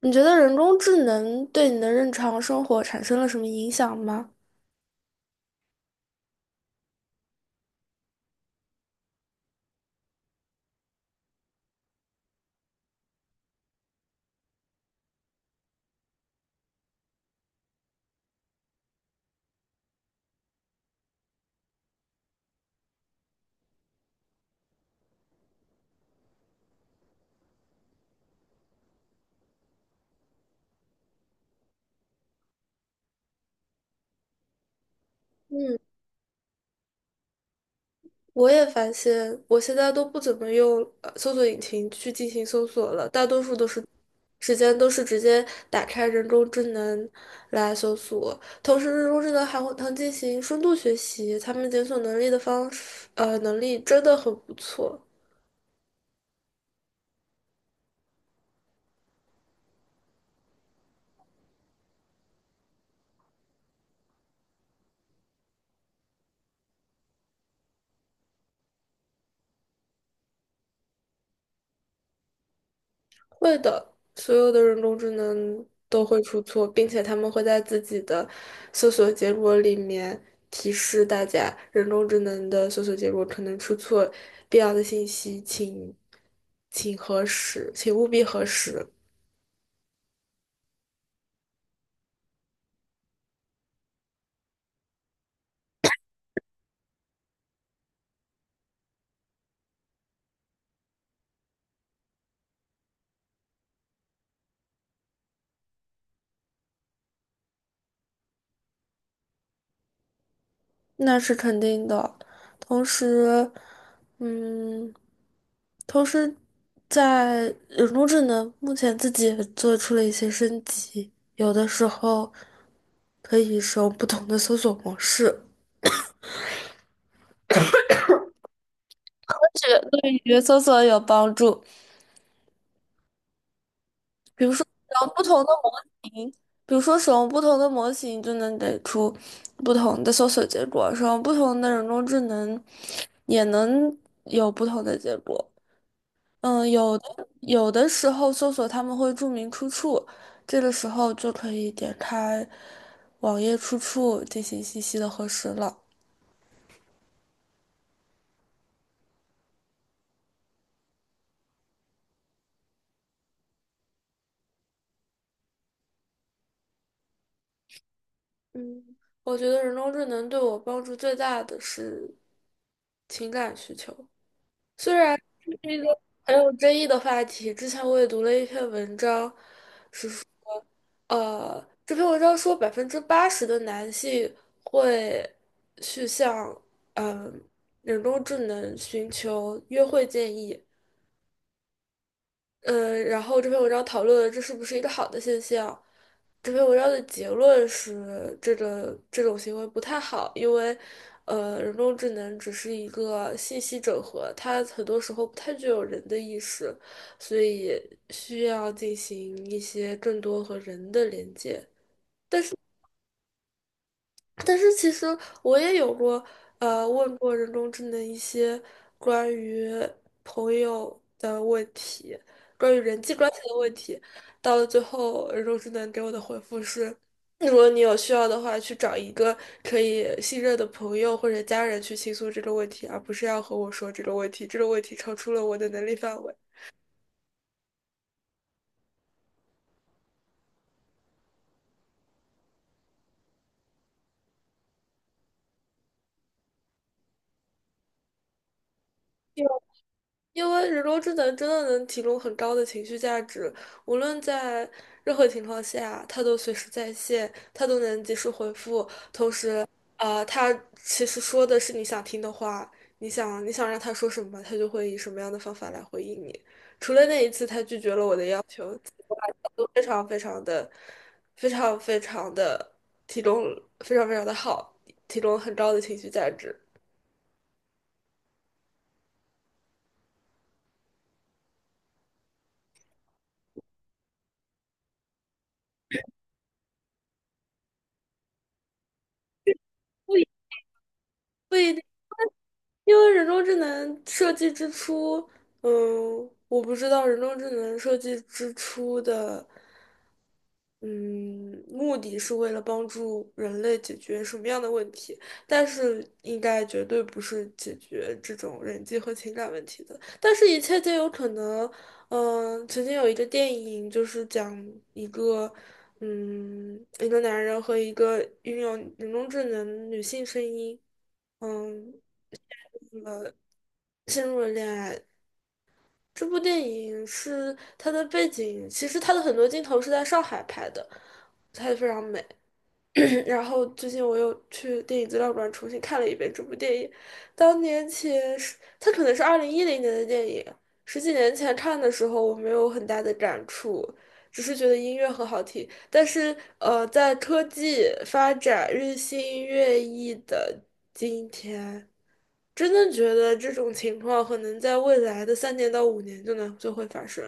你觉得人工智能对你的日常生活产生了什么影响吗？嗯，我也发现，我现在都不怎么用搜索引擎去进行搜索了，大多数都是时间都是直接打开人工智能来搜索。同时，人工智能还会能进行深度学习，他们检索能力的方式能力真的很不错。会的，所有的人工智能都会出错，并且他们会在自己的搜索结果里面提示大家，人工智能的搜索结果可能出错，必要的信息请核实，请务必核实。那是肯定的。同时，嗯，同时在人工智能目前自己也做出了一些升级，有的时候可以使用不同的搜索模式，这个对于搜索有帮助。比如说使用不同的模型，比如说使用不同的模型就能给出不同的搜索结果，使用不同的人工智能也能有不同的结果。有的时候搜索他们会注明出处，这个时候就可以点开网页出处进行信息的核实了。嗯，我觉得人工智能对我帮助最大的是情感需求，虽然这是一个很有争议的话题，之前我也读了一篇文章，这篇文章说80%的男性会去向嗯、呃人工智能寻求约会建议，嗯、然后这篇文章讨论了这是不是一个好的现象。这篇文章的结论是，这个这种行为不太好，因为人工智能只是一个信息整合，它很多时候不太具有人的意识，所以需要进行一些更多和人的连接。但是其实我也有过，问过人工智能一些关于朋友的问题，关于人际关系的问题，到了最后，人工智能给我的回复是，如果你有需要的话，去找一个可以信任的朋友或者家人去倾诉这个问题，而不是要和我说这个问题，这个问题超出了我的能力范围。因为人工智能真的能提供很高的情绪价值，无论在任何情况下，它都随时在线，它都能及时回复。它其实说的是你想听的话，你想让他说什么，他就会以什么样的方法来回应你。除了那一次他拒绝了我的要求，都非常非常的、非常非常的提供非常非常的好，提供很高的情绪价值。不一定。因为人工智能设计之初，我不知道人工智能设计之初的，嗯，目的是为了帮助人类解决什么样的问题，但是应该绝对不是解决这种人际和情感问题的。但是，一切皆有可能。曾经有一个电影，就是讲一个，嗯，一个男人和一个拥有人工智能女性声音。嗯，陷入了恋爱。这部电影是它的背景，其实它的很多镜头是在上海拍的，拍的非常美。然后最近我又去电影资料馆重新看了一遍这部电影，当年前是它可能是2010年的电影，十几年前看的时候我没有很大的感触，只是觉得音乐很好听。但是在科技发展日新月异的今天。真的觉得这种情况可能在未来的3年到5年就会发生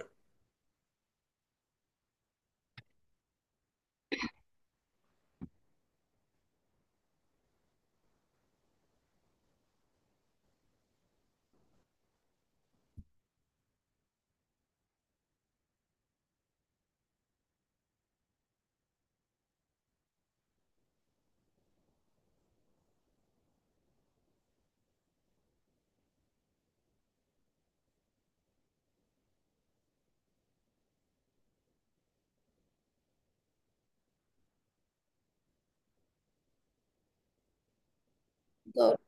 的。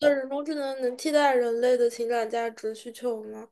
那人工智能能替代人类的情感价值需求吗？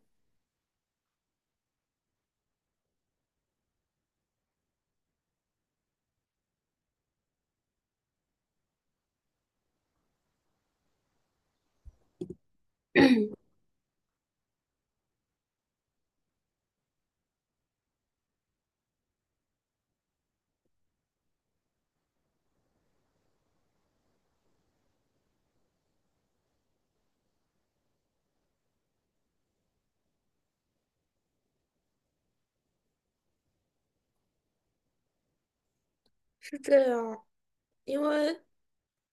是这样，因为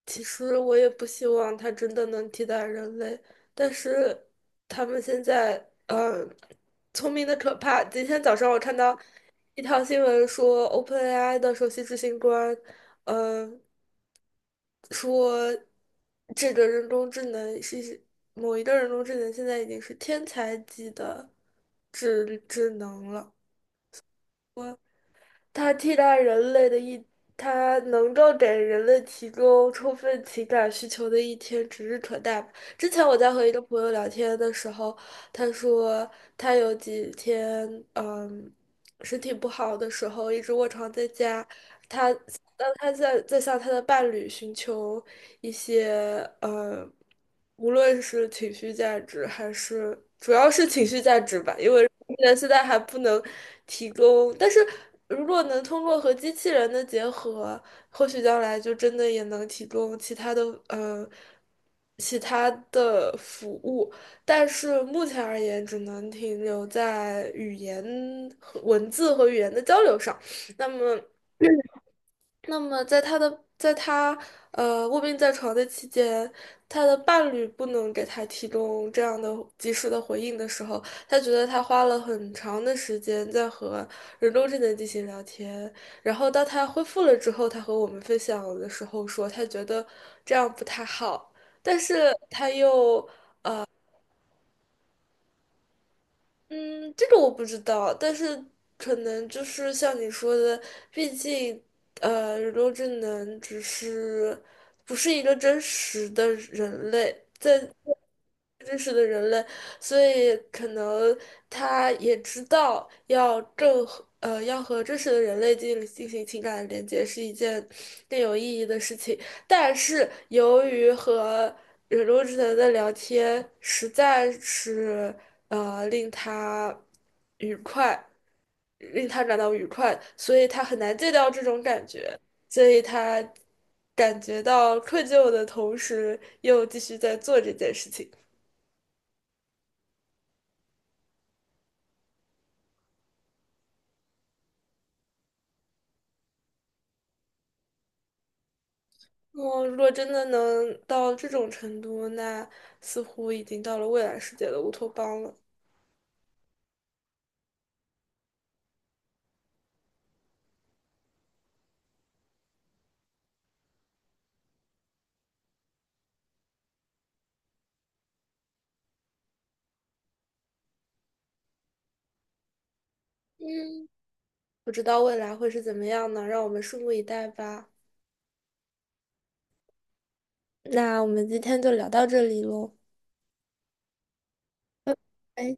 其实我也不希望它真的能替代人类，但是他们现在聪明的可怕。今天早上我看到一条新闻说，OpenAI 的首席执行官，嗯、说这个人工智能是某一个人工智能现在已经是天才级的智能了。它替代人类的一，它能够给人类提供充分情感需求的一天指日可待吧之前我在和一个朋友聊天的时候，他说他有几天，嗯，身体不好的时候，一直卧床在家，他，当他在向他的伴侣寻求一些，无论是情绪价值还是，主要是情绪价值吧，因为。人现在还不能提供，但是如果能通过和机器人的结合，或许将来就真的也能提供其他的呃其他的服务，但是目前而言，只能停留在语言和文字和语言的交流上。那么。那么在他卧病在床的期间，他的伴侣不能给他提供这样的及时的回应的时候，他觉得他花了很长的时间在和人工智能进行聊天，然后当他恢复了之后，他和我们分享的时候说，他觉得这样不太好，但是他又嗯，这个我不知道，但是可能就是像你说的，毕竟人工智能只是不是一个真实的人类，在真实的人类，所以可能他也知道要和真实的人类进行情感连接是一件更有意义的事情，但是由于和忍工智能的聊天实在是令他愉快，令他感到愉快，所以他很难戒掉这种感觉，所以他感觉到愧疚的同时，又继续在做这件事情。我如果真的能到这种程度，那似乎已经到了未来世界的乌托邦了。嗯，不知道未来会是怎么样呢？让我们拭目以待吧。那我们今天就聊到这里喽，哎，